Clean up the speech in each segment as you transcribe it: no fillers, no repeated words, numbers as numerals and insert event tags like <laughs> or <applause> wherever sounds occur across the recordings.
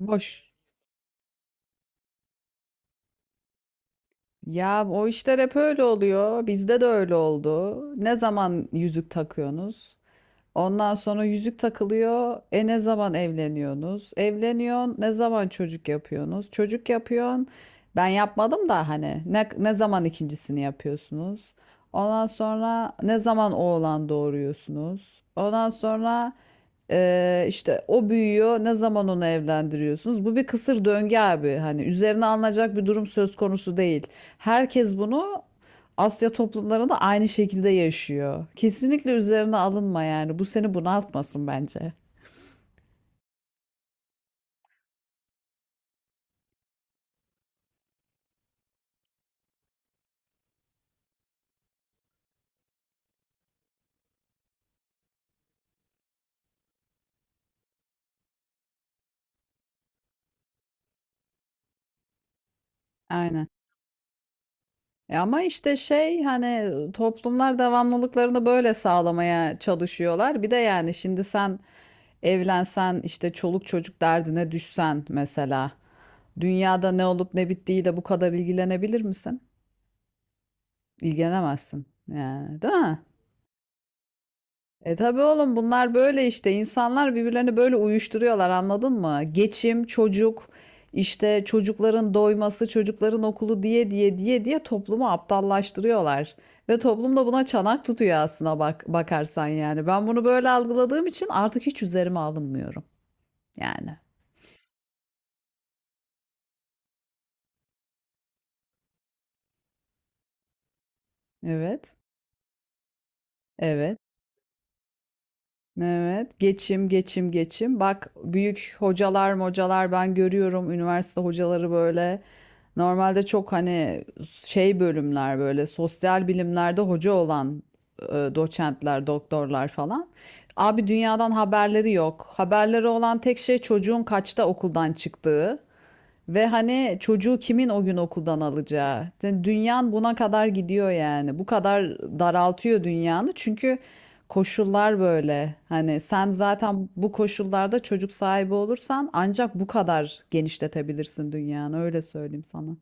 Boş. Ya o işler hep öyle oluyor. Bizde de öyle oldu. Ne zaman yüzük takıyorsunuz? Ondan sonra yüzük takılıyor. E ne zaman evleniyorsunuz? Evleniyorsun. Ne zaman çocuk yapıyorsunuz? Çocuk yapıyorsun. Ben yapmadım da hani ne zaman ikincisini yapıyorsunuz? Ondan sonra ne zaman oğlan doğuruyorsunuz? Ondan sonra işte o büyüyor. Ne zaman onu evlendiriyorsunuz? Bu bir kısır döngü abi. Hani üzerine alınacak bir durum söz konusu değil. Herkes bunu Asya toplumları da aynı şekilde yaşıyor. Kesinlikle üzerine alınma yani. Bu seni bunaltmasın bence. Aynen. E ama işte şey hani toplumlar devamlılıklarını böyle sağlamaya çalışıyorlar. Bir de yani şimdi sen evlensen işte çoluk çocuk derdine düşsen mesela dünyada ne olup ne bittiğiyle bu kadar ilgilenebilir misin? İlgilenemezsin yani değil mi? E tabii oğlum bunlar böyle işte insanlar birbirlerini böyle uyuşturuyorlar anladın mı? Geçim, çocuk, işte çocukların doyması, çocukların okulu diye diye diye diye toplumu aptallaştırıyorlar. Ve toplum da buna çanak tutuyor aslına bak bakarsan yani. Ben bunu böyle algıladığım için artık hiç üzerime alınmıyorum. Yani. Evet. Evet. Evet, geçim, geçim, geçim. Bak büyük hocalar, hocalar ben görüyorum üniversite hocaları böyle. Normalde çok hani şey bölümler böyle sosyal bilimlerde hoca olan doçentler, doktorlar falan. Abi dünyadan haberleri yok. Haberleri olan tek şey çocuğun kaçta okuldan çıktığı. Ve hani çocuğu kimin o gün okuldan alacağı? Yani dünyan buna kadar gidiyor yani. Bu kadar daraltıyor dünyanı. Çünkü koşullar böyle. Hani sen zaten bu koşullarda çocuk sahibi olursan ancak bu kadar genişletebilirsin dünyanı. Öyle söyleyeyim sana.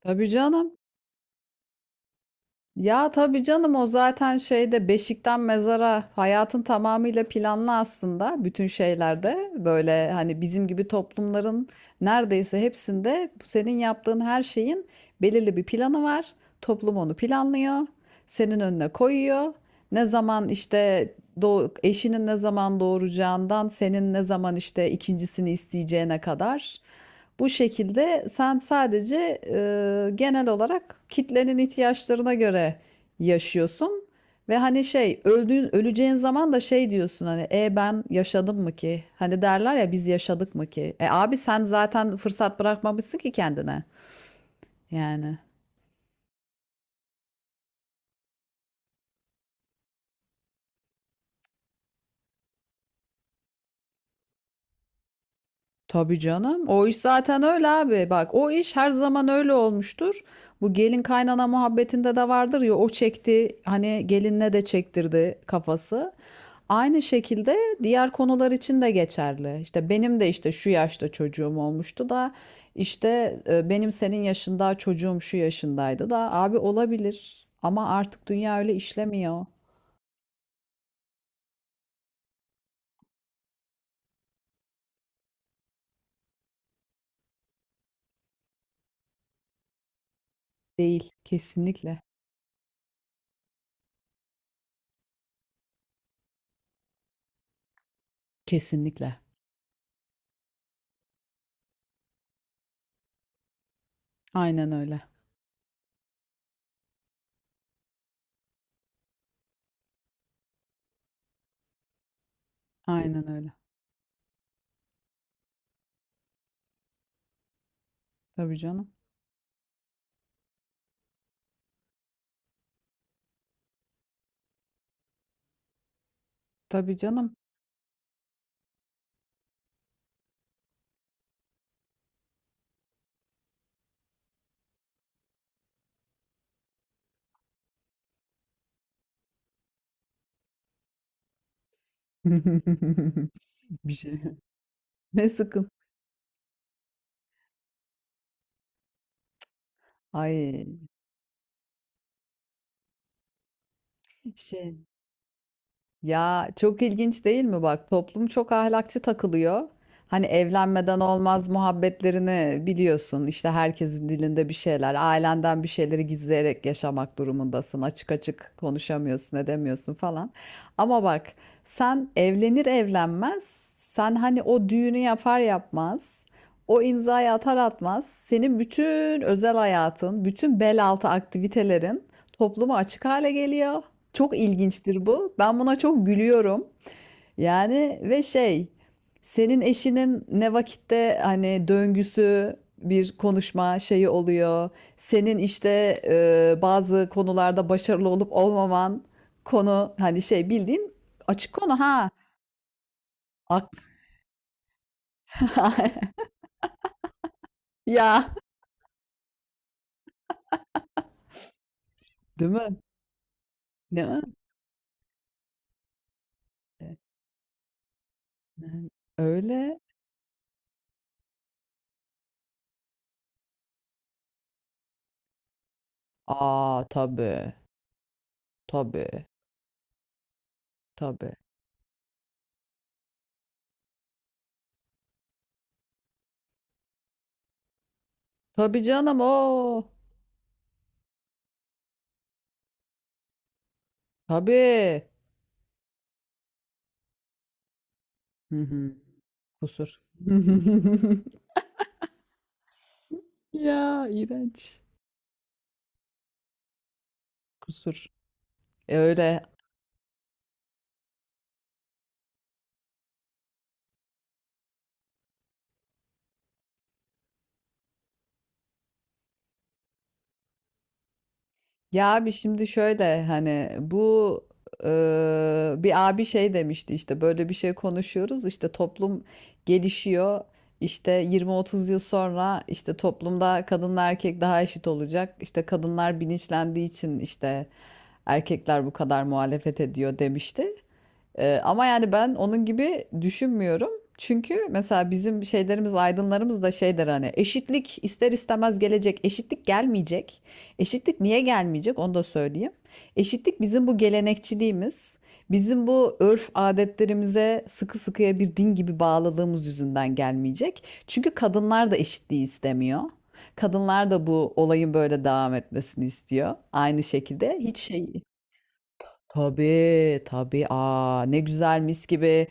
Tabii canım. Ya tabii canım o zaten şeyde beşikten mezara hayatın tamamıyla planlı aslında bütün şeylerde böyle hani bizim gibi toplumların neredeyse hepsinde bu senin yaptığın her şeyin belirli bir planı var. Toplum onu planlıyor, senin önüne koyuyor. Ne zaman işte eşinin ne zaman doğuracağından senin ne zaman işte ikincisini isteyeceğine kadar. Bu şekilde sen sadece genel olarak kitlenin ihtiyaçlarına göre yaşıyorsun ve hani şey öldüğün öleceğin zaman da şey diyorsun hani e ben yaşadım mı ki? Hani derler ya biz yaşadık mı ki? E abi sen zaten fırsat bırakmamışsın ki kendine. Yani. Tabii canım. O iş zaten öyle abi. Bak o iş her zaman öyle olmuştur. Bu gelin kaynana muhabbetinde de vardır ya o çekti hani gelinle de çektirdi kafası. Aynı şekilde diğer konular için de geçerli. İşte benim de işte şu yaşta çocuğum olmuştu da işte benim senin yaşında çocuğum şu yaşındaydı da abi olabilir ama artık dünya öyle işlemiyor. Değil. Kesinlikle. Kesinlikle. Aynen öyle. Aynen öyle. Tabii canım. Tabii canım. <laughs> Bir şey. Ne sıkın. Ay şey. Ya çok ilginç değil mi bak toplum çok ahlakçı takılıyor. Hani evlenmeden olmaz muhabbetlerini biliyorsun. İşte herkesin dilinde bir şeyler, ailenden bir şeyleri gizleyerek yaşamak durumundasın. Açık açık konuşamıyorsun, edemiyorsun falan. Ama bak sen evlenir evlenmez, sen hani o düğünü yapar yapmaz, o imzayı atar atmaz, senin bütün özel hayatın, bütün bel altı aktivitelerin topluma açık hale geliyor. Çok ilginçtir bu. Ben buna çok gülüyorum. Yani ve şey, senin eşinin ne vakitte hani döngüsü bir konuşma şeyi oluyor. Senin işte bazı konularda başarılı olup olmaman konu hani şey bildiğin açık konu ha. Ak <laughs> ya, değil mi? Değil mi? E, öyle. Aa tabii. Tabii. Tabii. Tabii canım o. Tabii. Hı hı. Kusur. <laughs> Ya iğrenç. Kusur. E öyle. Ya abi şimdi şöyle hani bu e, bir abi şey demişti işte böyle bir şey konuşuyoruz işte toplum gelişiyor. İşte 20-30 yıl sonra işte toplumda kadınla erkek daha eşit olacak. İşte kadınlar bilinçlendiği için işte erkekler bu kadar muhalefet ediyor demişti. Ama yani ben onun gibi düşünmüyorum. Çünkü mesela bizim şeylerimiz, aydınlarımız da şeydir hani eşitlik ister istemez gelecek. Eşitlik gelmeyecek. Eşitlik niye gelmeyecek onu da söyleyeyim. Eşitlik bizim bu gelenekçiliğimiz, bizim bu örf adetlerimize sıkı sıkıya bir din gibi bağladığımız yüzünden gelmeyecek. Çünkü kadınlar da eşitliği istemiyor. Kadınlar da bu olayın böyle devam etmesini istiyor. Aynı şekilde hiç şey Tabii tabii. Aa, ne güzel mis gibi.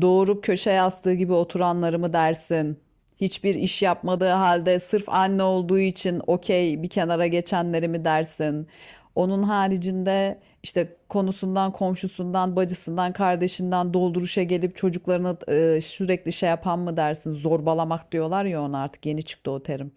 Doğurup köşe yastığı gibi oturanları mı dersin? Hiçbir iş yapmadığı halde sırf anne olduğu için okey bir kenara geçenleri mi dersin? Onun haricinde işte konusundan, komşusundan, bacısından, kardeşinden dolduruşa gelip çocuklarını sürekli şey yapan mı dersin? Zorbalamak diyorlar ya ona artık yeni çıktı o terim.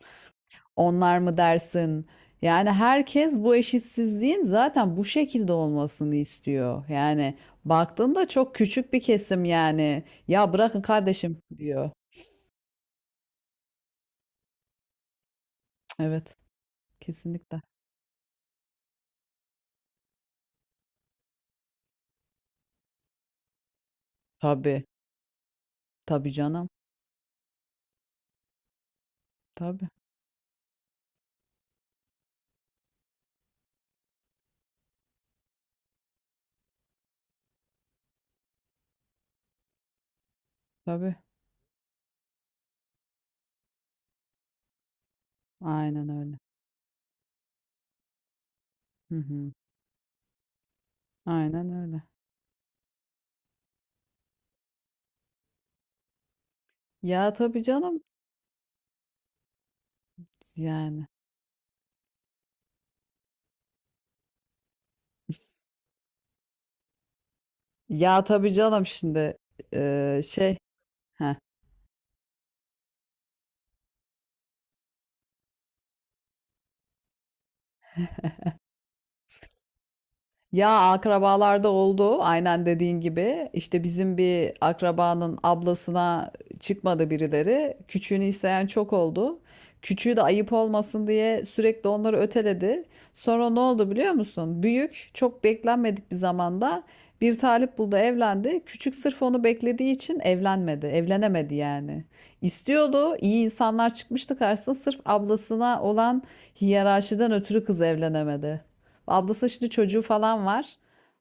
Onlar mı dersin? Yani herkes bu eşitsizliğin zaten bu şekilde olmasını istiyor. Yani baktığında çok küçük bir kesim yani. Ya bırakın kardeşim diyor. Evet, kesinlikle. Tabii, tabii canım. Tabii, tabii. Aynen öyle. Hı hı. Aynen öyle. Ya tabii canım yani. Ya tabii canım şimdi şey. Heh. Ya akrabalarda oldu aynen dediğin gibi. İşte bizim bir akrabanın ablasına çıkmadı birileri. Küçüğünü isteyen çok oldu. Küçüğü de ayıp olmasın diye sürekli onları öteledi. Sonra ne oldu biliyor musun? Büyük çok beklenmedik bir zamanda bir talip buldu evlendi. Küçük sırf onu beklediği için evlenmedi. Evlenemedi yani. İstiyordu. İyi insanlar çıkmıştı karşısına. Sırf ablasına olan hiyerarşiden ötürü kız evlenemedi. Ablası şimdi çocuğu falan var.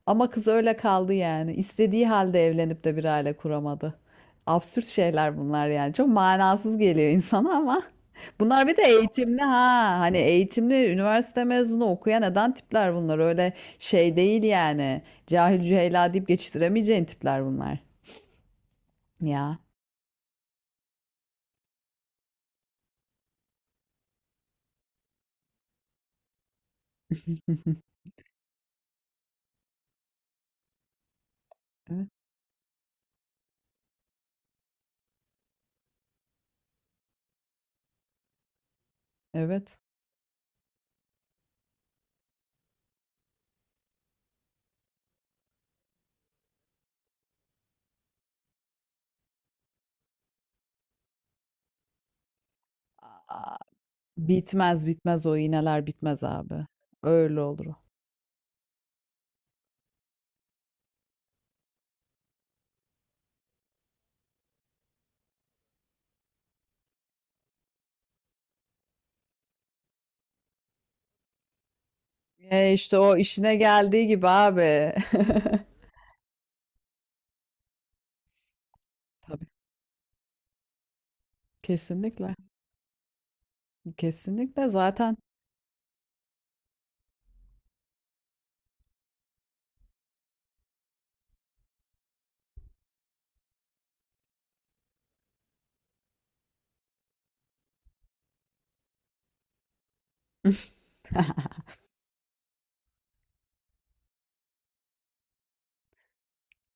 Ama kız öyle kaldı yani. İstediği halde evlenip de bir aile kuramadı. Absürt şeyler bunlar yani. Çok manasız geliyor insana ama. <laughs> Bunlar bir de eğitimli ha. Hani eğitimli üniversite mezunu okuyan neden tipler bunlar. Öyle şey değil yani. Cahil cüheyla deyip geçiştiremeyeceğin tipler bunlar. Ya. Evet. Evet. Aa, bitmez bitmez o iğneler bitmez abi. Öyle olur o. E işte o işine geldiği gibi abi. <laughs> Tabii. Kesinlikle. Kesinlikle zaten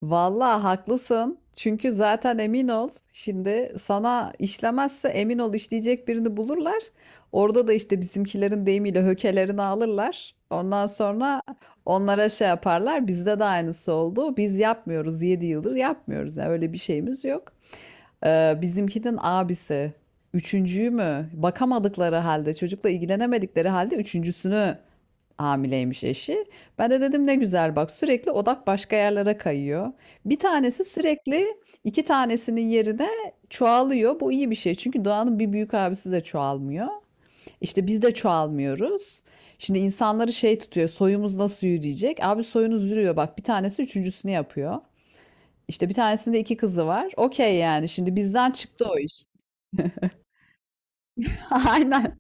vallahi haklısın. Çünkü zaten emin ol şimdi sana işlemezse emin ol işleyecek birini bulurlar. Orada da işte bizimkilerin deyimiyle hökelerini alırlar. Ondan sonra onlara şey yaparlar. Bizde de aynısı oldu. Biz yapmıyoruz. 7 yıldır yapmıyoruz. Yani öyle bir şeyimiz yok. Bizimkinin abisi üçüncüyü mü bakamadıkları halde çocukla ilgilenemedikleri halde üçüncüsünü hamileymiş eşi. Ben de dedim ne güzel bak sürekli odak başka yerlere kayıyor. Bir tanesi sürekli iki tanesinin yerine çoğalıyor. Bu iyi bir şey çünkü doğanın bir büyük abisi de çoğalmıyor. İşte biz de çoğalmıyoruz. Şimdi insanları şey tutuyor soyumuz nasıl yürüyecek? Abi soyunuz yürüyor bak bir tanesi üçüncüsünü yapıyor. İşte bir tanesinde iki kızı var. Okey yani şimdi bizden çıktı o iş. <laughs> Aynen.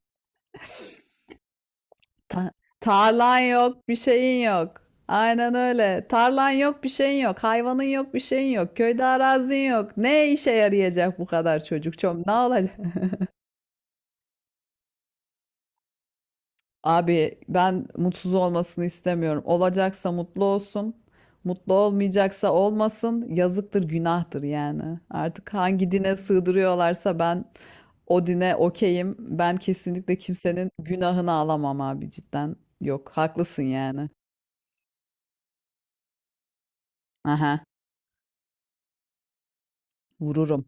Ta- tarlan yok, bir şeyin yok. Aynen öyle. Tarlan yok, bir şeyin yok. Hayvanın yok, bir şeyin yok. Köyde arazin yok. Ne işe yarayacak bu kadar çocuk? Çok ne olacak? <laughs> Abi ben mutsuz olmasını istemiyorum. Olacaksa mutlu olsun. Mutlu olmayacaksa olmasın. Yazıktır, günahtır yani. Artık hangi dine sığdırıyorlarsa ben o dine okeyim. Ben kesinlikle kimsenin günahını alamam abi cidden. Yok, haklısın yani. Aha, vururum.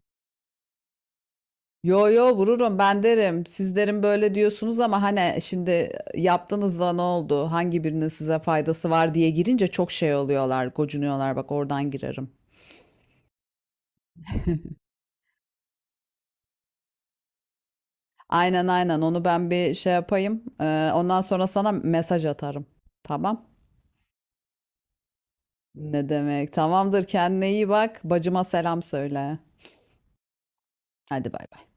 Yo yo vururum ben derim. Siz derim böyle diyorsunuz ama hani şimdi yaptığınızda ne oldu? Hangi birinin size faydası var diye girince çok şey oluyorlar, gocunuyorlar. Bak oradan girerim. Aynen aynen onu ben bir şey yapayım. Ondan sonra sana mesaj atarım. Tamam. Ne demek? Tamamdır kendine iyi bak. Bacıma selam söyle. Hadi bay bay.